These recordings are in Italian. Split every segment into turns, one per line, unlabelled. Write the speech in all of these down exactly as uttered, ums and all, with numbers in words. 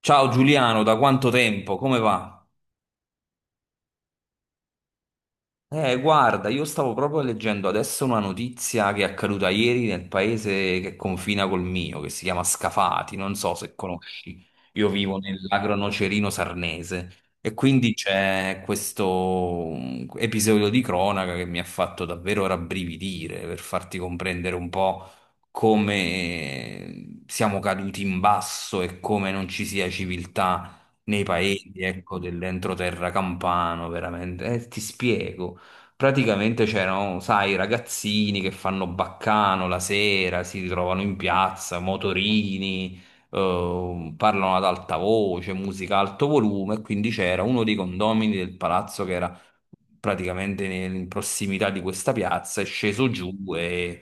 Ciao Giuliano, da quanto tempo? Come va? Eh, guarda, io stavo proprio leggendo adesso una notizia che è accaduta ieri nel paese che confina col mio, che si chiama Scafati, non so se conosci. Io vivo nell'agro nocerino sarnese e quindi c'è questo mm, episodio di cronaca che mi ha fatto davvero rabbrividire per farti comprendere un po' come siamo caduti in basso e come non ci sia civiltà nei paesi, ecco, dell'entroterra campano, veramente. Eh, ti spiego. Praticamente c'erano, sai, i ragazzini che fanno baccano la sera, si ritrovano in piazza, motorini, eh, parlano ad alta voce, musica a alto volume, e quindi c'era uno dei condomini del palazzo che era praticamente nel- in prossimità di questa piazza, è sceso giù e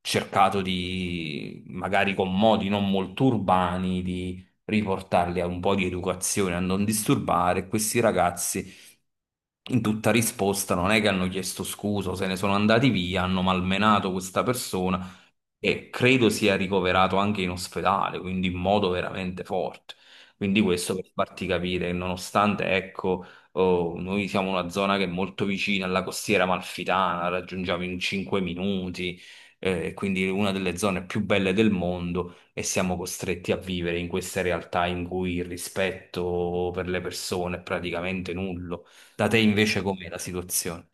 cercato di, magari con modi non molto urbani, di riportarli a un po' di educazione, a non disturbare questi ragazzi in tutta risposta non è che hanno chiesto scusa, o se ne sono andati via, hanno malmenato questa persona e credo sia ricoverato anche in ospedale, quindi in modo veramente forte. Quindi questo per farti capire che nonostante, ecco, oh, noi siamo una zona che è molto vicina alla costiera amalfitana, la raggiungiamo in cinque minuti, eh, quindi una delle zone più belle del mondo e siamo costretti a vivere in queste realtà in cui il rispetto per le persone è praticamente nullo. Da te invece com'è la situazione?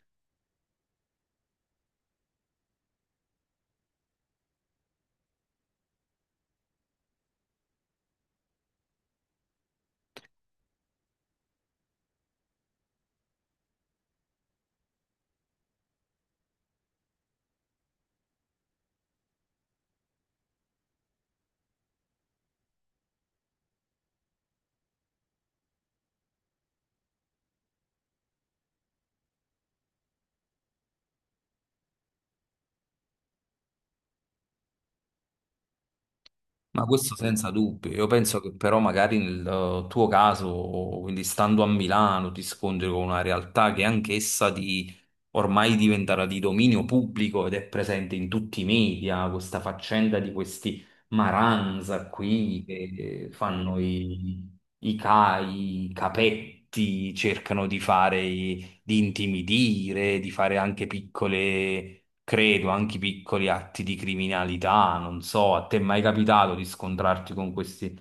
Ma questo senza dubbio. Io penso che però magari nel eh, tuo caso, quindi stando a Milano, ti scontri con una realtà che anch'essa di ormai diventerà di dominio pubblico ed è presente in tutti i media, questa faccenda di questi Maranza qui che fanno i, i C A I, i capetti, cercano di fare, i- di intimidire, di fare anche piccole credo, anche piccoli atti di criminalità, non so, a te è mai capitato di scontrarti con questi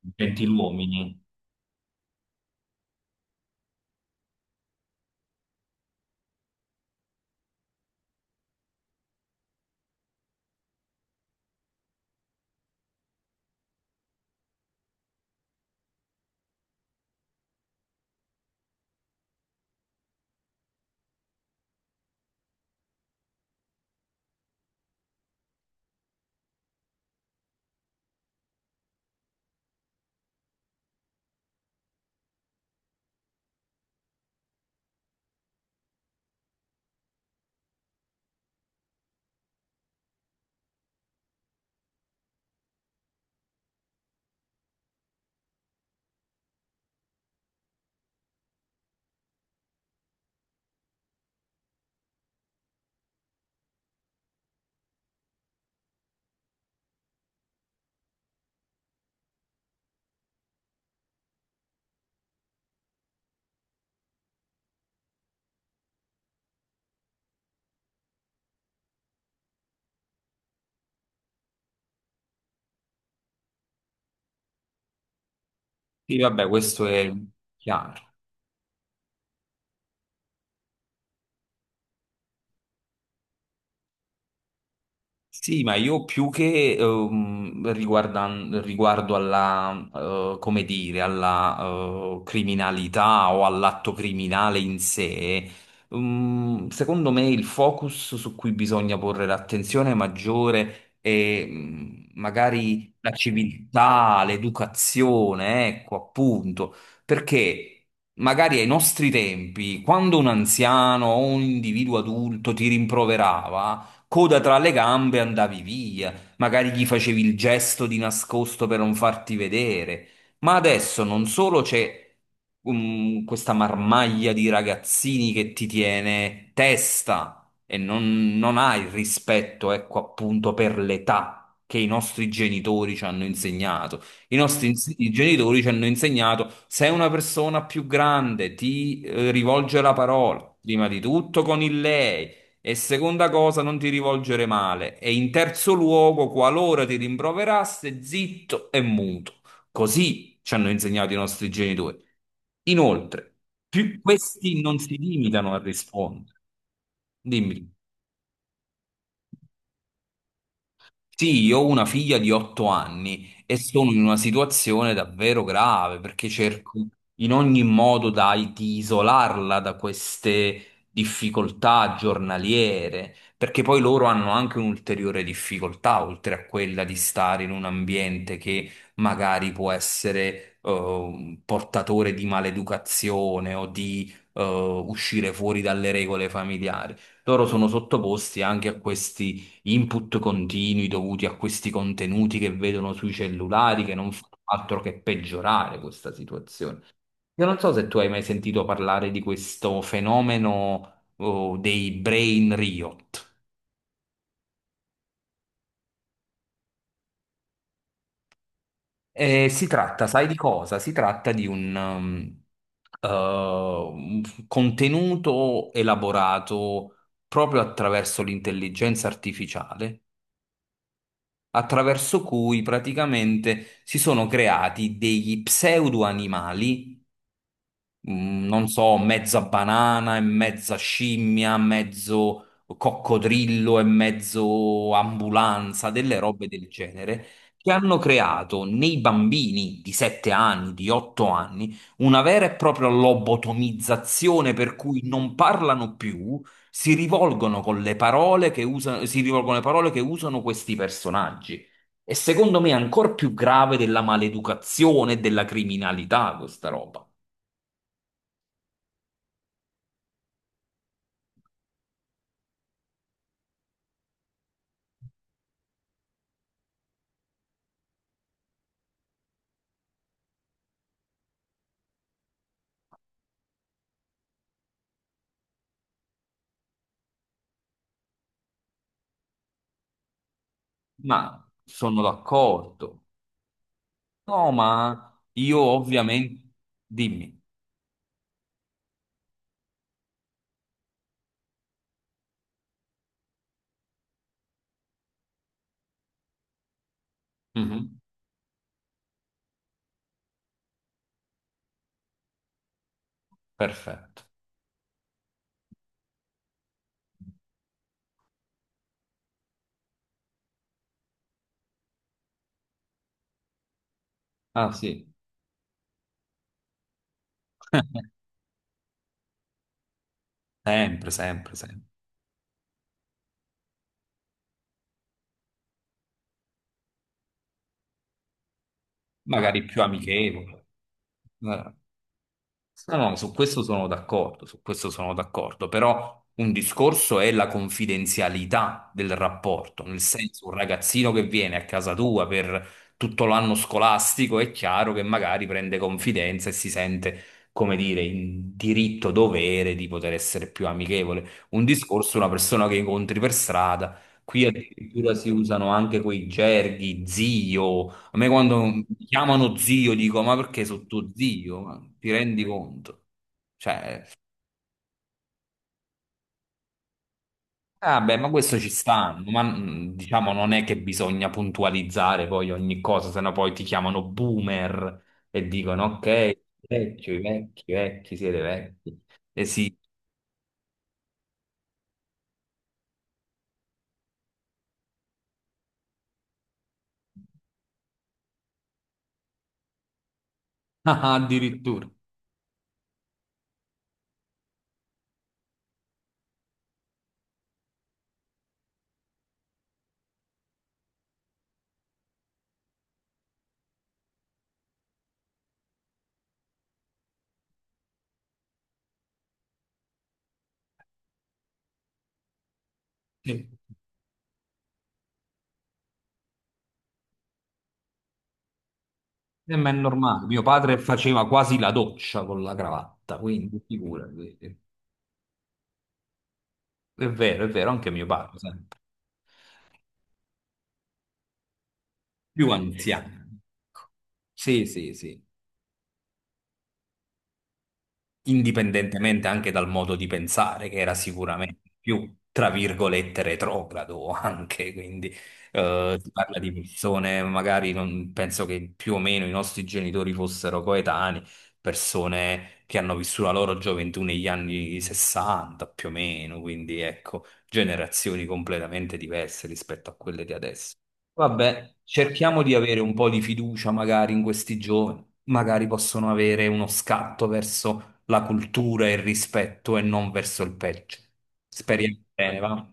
gentiluomini? Sì, vabbè, questo è chiaro. Sì, ma io più che ehm, riguardan- riguardo alla, eh, come dire, alla eh, criminalità o all'atto criminale in sé, mm, secondo me il focus su cui bisogna porre l'attenzione maggiore è mm, magari la civiltà, l'educazione, ecco appunto, perché... Magari ai nostri tempi, quando un anziano o un individuo adulto ti rimproverava, coda tra le gambe, andavi via, magari gli facevi il gesto di nascosto per non farti vedere. Ma adesso non solo c'è um, questa marmaglia di ragazzini che ti tiene testa e non, non hai il rispetto, ecco appunto, per l'età che i nostri genitori ci hanno insegnato. I nostri ins- i genitori ci hanno insegnato se una persona più grande ti eh, rivolge la parola, prima di tutto con il lei. E seconda cosa, non ti rivolgere male. E in terzo luogo, qualora ti rimproverasse, zitto e muto. Così ci hanno insegnato i nostri genitori. Inoltre, più- questi non si limitano a rispondere. Dimmi. Sì, io ho una figlia di otto anni e sono in una situazione davvero grave perché cerco in ogni modo da- di isolarla da queste difficoltà giornaliere, perché poi loro hanno anche un'ulteriore difficoltà, oltre a quella di stare in un ambiente che magari può essere eh, un portatore di maleducazione o di eh, uscire fuori dalle regole familiari. Loro sono sottoposti anche a questi input continui dovuti a questi contenuti che vedono sui cellulari che non fanno altro che peggiorare questa situazione. Io non so se tu hai mai sentito parlare di questo fenomeno, oh, dei brain riot. Eh, si tratta, sai di cosa? Si tratta di un, um, eh, un f- contenuto elaborato proprio attraverso l'intelligenza artificiale attraverso cui praticamente si sono creati degli pseudo-animali mm, non so, mezza banana e mezza scimmia, mezzo coccodrillo e mezzo ambulanza, delle robe del genere, che hanno creato nei bambini di sette anni, di otto anni, una vera e propria lobotomizzazione per cui non parlano più, si rivolgono con le parole che usano, si rivolgono le parole che usano questi personaggi. E secondo me è ancora più grave della maleducazione e della criminalità questa roba. Ma sono d'accordo. No, ma io ovviamente... Dimmi. Mhm. Perfetto. Ah sì, sempre, sempre, sempre. Magari più amichevole. Eh, No, no, su questo sono d'accordo, su questo sono d'accordo, però un discorso è la confidenzialità del rapporto, nel senso un ragazzino che viene a casa tua per tutto l'anno scolastico è chiaro che magari prende confidenza e si sente, come dire, in diritto dovere di poter essere più amichevole. Un discorso è una persona che incontri per strada, qui addirittura si usano anche quei gerghi, zio. A me quando mi chiamano zio dico, ma perché sono tuo zio? Ma ti rendi conto? Cioè, ah beh, ma questo ci stanno, ma mm, diciamo non è che bisogna puntualizzare poi ogni cosa, sennò poi ti chiamano boomer e dicono, ok, vecchio, i vecchi, i vecchi, siete vecchi. E sì, ah, addirittura. Sì. Eh, ma è normale, mio padre faceva quasi la doccia con la cravatta, quindi figurati. È vero, è vero, anche mio padre, sempre. Più anziano. Sì, sì, sì, indipendentemente anche dal modo di pensare, che era sicuramente più, tra virgolette, retrogrado anche, quindi eh, si parla di persone, magari non, penso che più o meno i nostri genitori fossero coetanei, persone che hanno vissuto la loro gioventù negli anni sessanta, più o meno, quindi ecco, generazioni completamente diverse rispetto a quelle di adesso. Vabbè, cerchiamo di avere un po' di fiducia magari in questi giovani, magari possono avere uno scatto verso la cultura e il rispetto e non verso il peggio. Speriamo bene, va?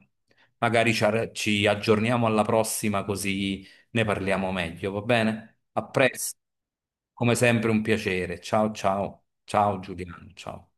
Magari ci ar- ci aggiorniamo alla prossima così ne parliamo meglio, va bene? A presto, come sempre un piacere. Ciao ciao, ciao Giuliano, ciao.